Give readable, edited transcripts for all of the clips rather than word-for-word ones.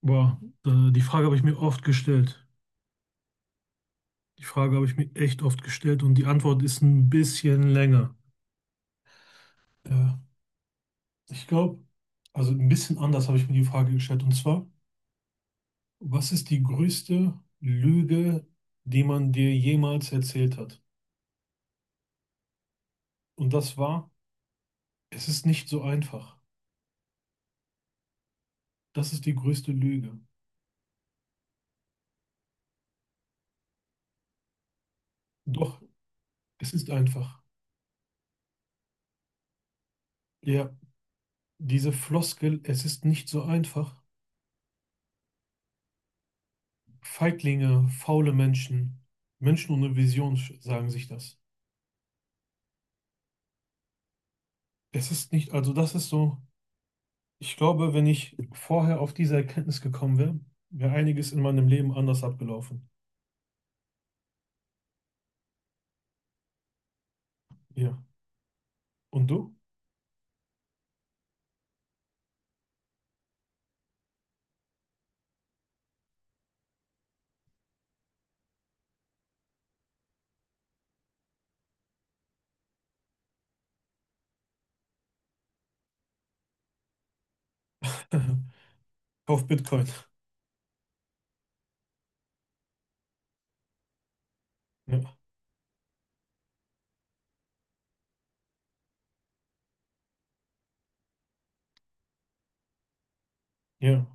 Boah, die Frage habe ich mir oft gestellt. Die Frage habe ich mir echt oft gestellt und die Antwort ist ein bisschen länger. Ja, ich glaube, also ein bisschen anders habe ich mir die Frage gestellt. Und zwar, was ist die größte Lüge, die man dir jemals erzählt hat? Und das war, es ist nicht so einfach. Das ist die größte Lüge. Doch, es ist einfach. Ja, diese Floskel, es ist nicht so einfach. Feiglinge, faule Menschen, Menschen ohne Vision sagen sich das. Es ist nicht, also das ist so, ich glaube, wenn ich vorher auf diese Erkenntnis gekommen wäre, wäre einiges in meinem Leben anders abgelaufen. Ja. Und du? Kauf Bitcoin. Ja, ja,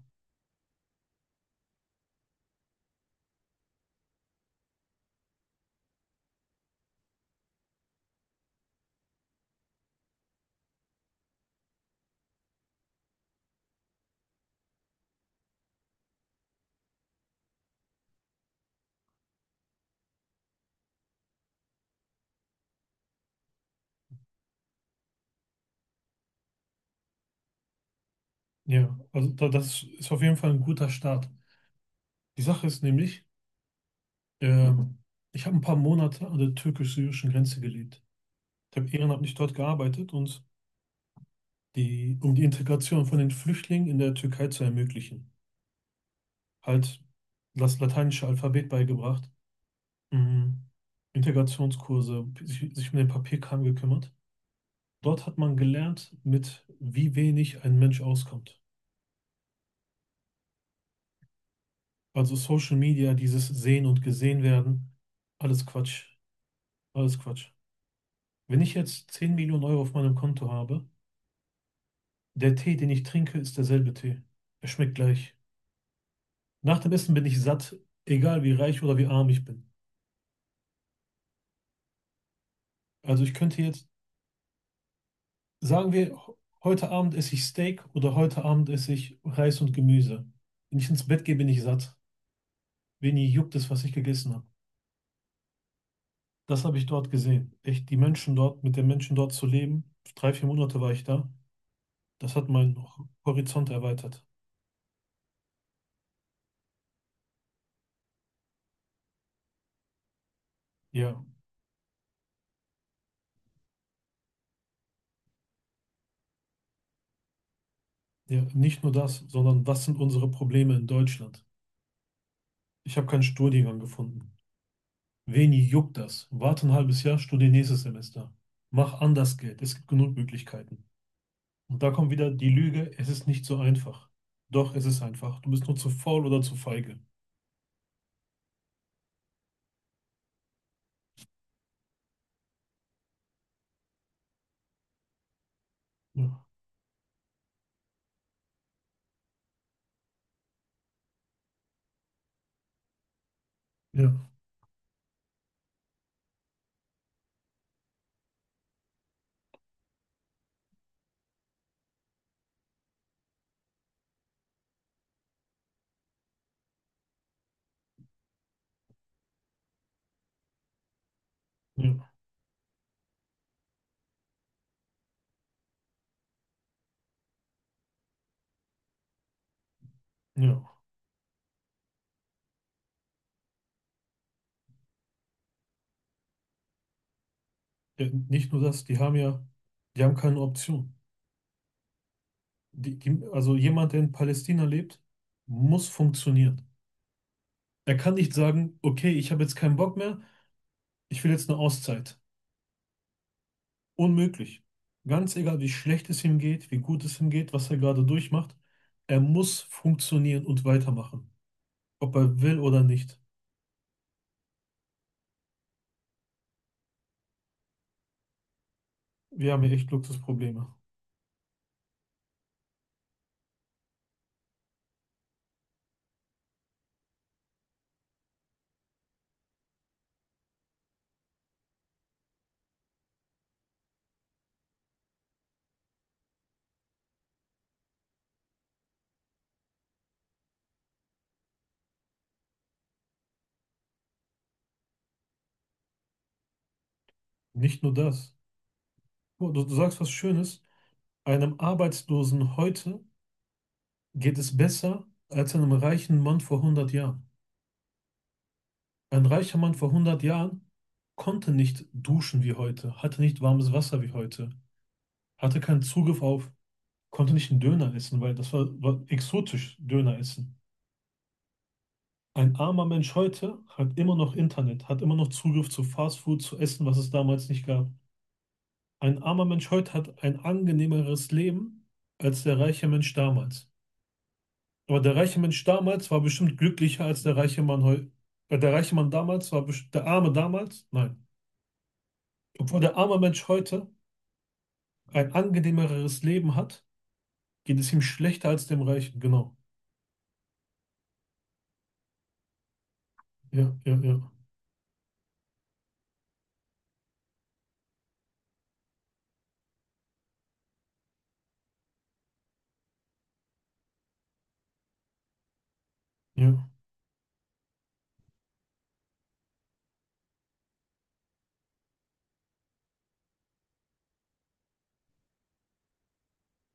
ja. Also da, das ist auf jeden Fall ein guter Start. Die Sache ist nämlich, ähm, ich habe ein paar Monate an der türkisch-syrischen Grenze gelebt. Ich habe ehrenamtlich dort gearbeitet und die, um die Integration von den Flüchtlingen in der Türkei zu ermöglichen. Halt das lateinische Alphabet beigebracht. Mhm. Integrationskurse, sich um den Papierkram gekümmert. Dort hat man gelernt, mit wie wenig ein Mensch auskommt. Also Social Media, dieses Sehen und Gesehen werden, alles Quatsch, alles Quatsch. Wenn ich jetzt 10 Millionen Euro auf meinem Konto habe, der Tee, den ich trinke, ist derselbe Tee. Er schmeckt gleich. Nach dem Essen bin ich satt, egal wie reich oder wie arm ich bin. Also ich könnte jetzt, sagen wir, heute Abend esse ich Steak oder heute Abend esse ich Reis und Gemüse. Wenn ich ins Bett gehe, bin ich satt. Wenig juckt es, was ich gegessen habe. Das habe ich dort gesehen. Echt, die Menschen dort, mit den Menschen dort zu leben. Drei, vier Monate war ich da. Das hat meinen Horizont erweitert. Ja, ja, nicht nur das, sondern was sind unsere Probleme in Deutschland? Ich habe keinen Studiengang gefunden. Wenig juckt das. Warte ein halbes Jahr, studiere nächstes Semester. Mach anders Geld. Es gibt genug Möglichkeiten. Und da kommt wieder die Lüge, es ist nicht so einfach. Doch, es ist einfach. Du bist nur zu faul oder zu feige. Ja, ja, ja, ja. Ja, nicht nur das, die haben ja, die haben keine Option. Also jemand, der in Palästina lebt, muss funktionieren. Er kann nicht sagen, okay, ich habe jetzt keinen Bock mehr, ich will jetzt eine Auszeit. Unmöglich. Ganz egal, wie schlecht es ihm geht, wie gut es ihm geht, was er gerade durchmacht, er muss funktionieren und weitermachen. Ob er will oder nicht. Wir haben hier echt Luxusprobleme. Nicht nur das. Du sagst was Schönes. Einem Arbeitslosen heute geht es besser als einem reichen Mann vor 100 Jahren. Ein reicher Mann vor 100 Jahren konnte nicht duschen wie heute, hatte nicht warmes Wasser wie heute, hatte keinen Zugriff auf, konnte nicht einen Döner essen, weil das war exotisch, Döner essen. Ein armer Mensch heute hat immer noch Internet, hat immer noch Zugriff zu Fastfood, zu Essen, was es damals nicht gab. Ein armer Mensch heute hat ein angenehmeres Leben als der reiche Mensch damals. Aber der reiche Mensch damals war bestimmt glücklicher als der reiche Mann heute. Der reiche Mann damals war der arme damals? Nein. Obwohl der arme Mensch heute ein angenehmeres Leben hat, geht es ihm schlechter als dem Reichen. Genau. Ja, ja, ja, ja,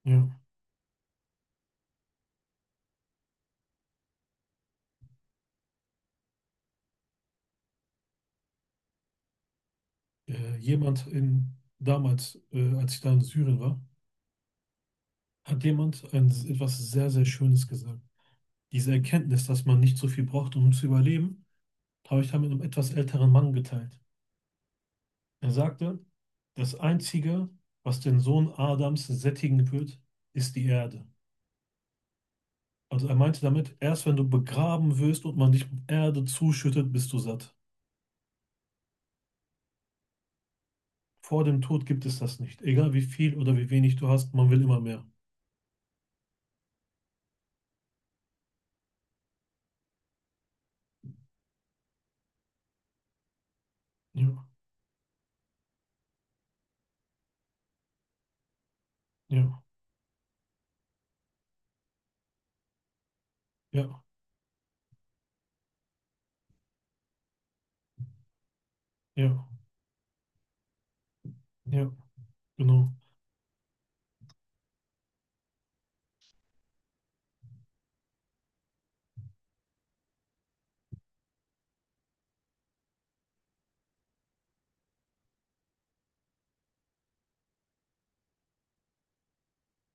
ja. Jemand in damals, als ich da in Syrien war, hat jemand etwas sehr, sehr Schönes gesagt. Diese Erkenntnis, dass man nicht so viel braucht, um zu überleben, habe ich da mit einem etwas älteren Mann geteilt. Er sagte, das Einzige, was den Sohn Adams sättigen wird, ist die Erde. Also er meinte damit, erst wenn du begraben wirst und man dich mit Erde zuschüttet, bist du satt. Vor dem Tod gibt es das nicht. Egal wie viel oder wie wenig du hast, man will immer mehr. Ja, ja, ja, ja, ja, genau.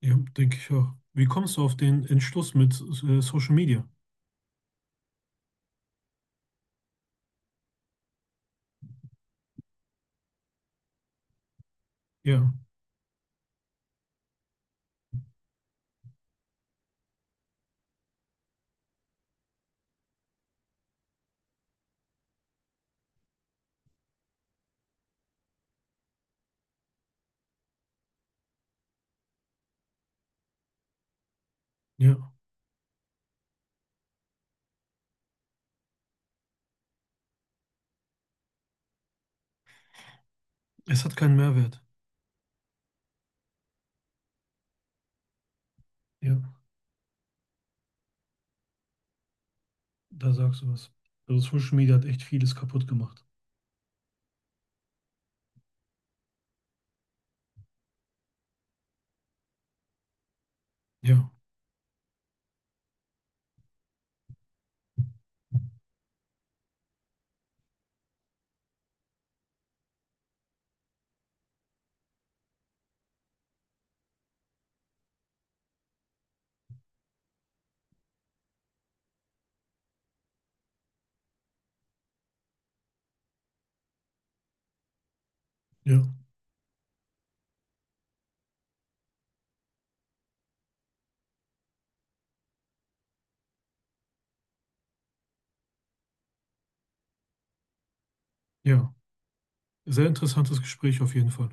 Ja, denke ich auch. Wie kommst du auf den Entschluss mit Social Media? Ja, ja. Es hat keinen Mehrwert. Ja, da sagst du was. Also Social Media hat echt vieles kaputt gemacht. Ja, ja, ja. Sehr interessantes Gespräch auf jeden Fall.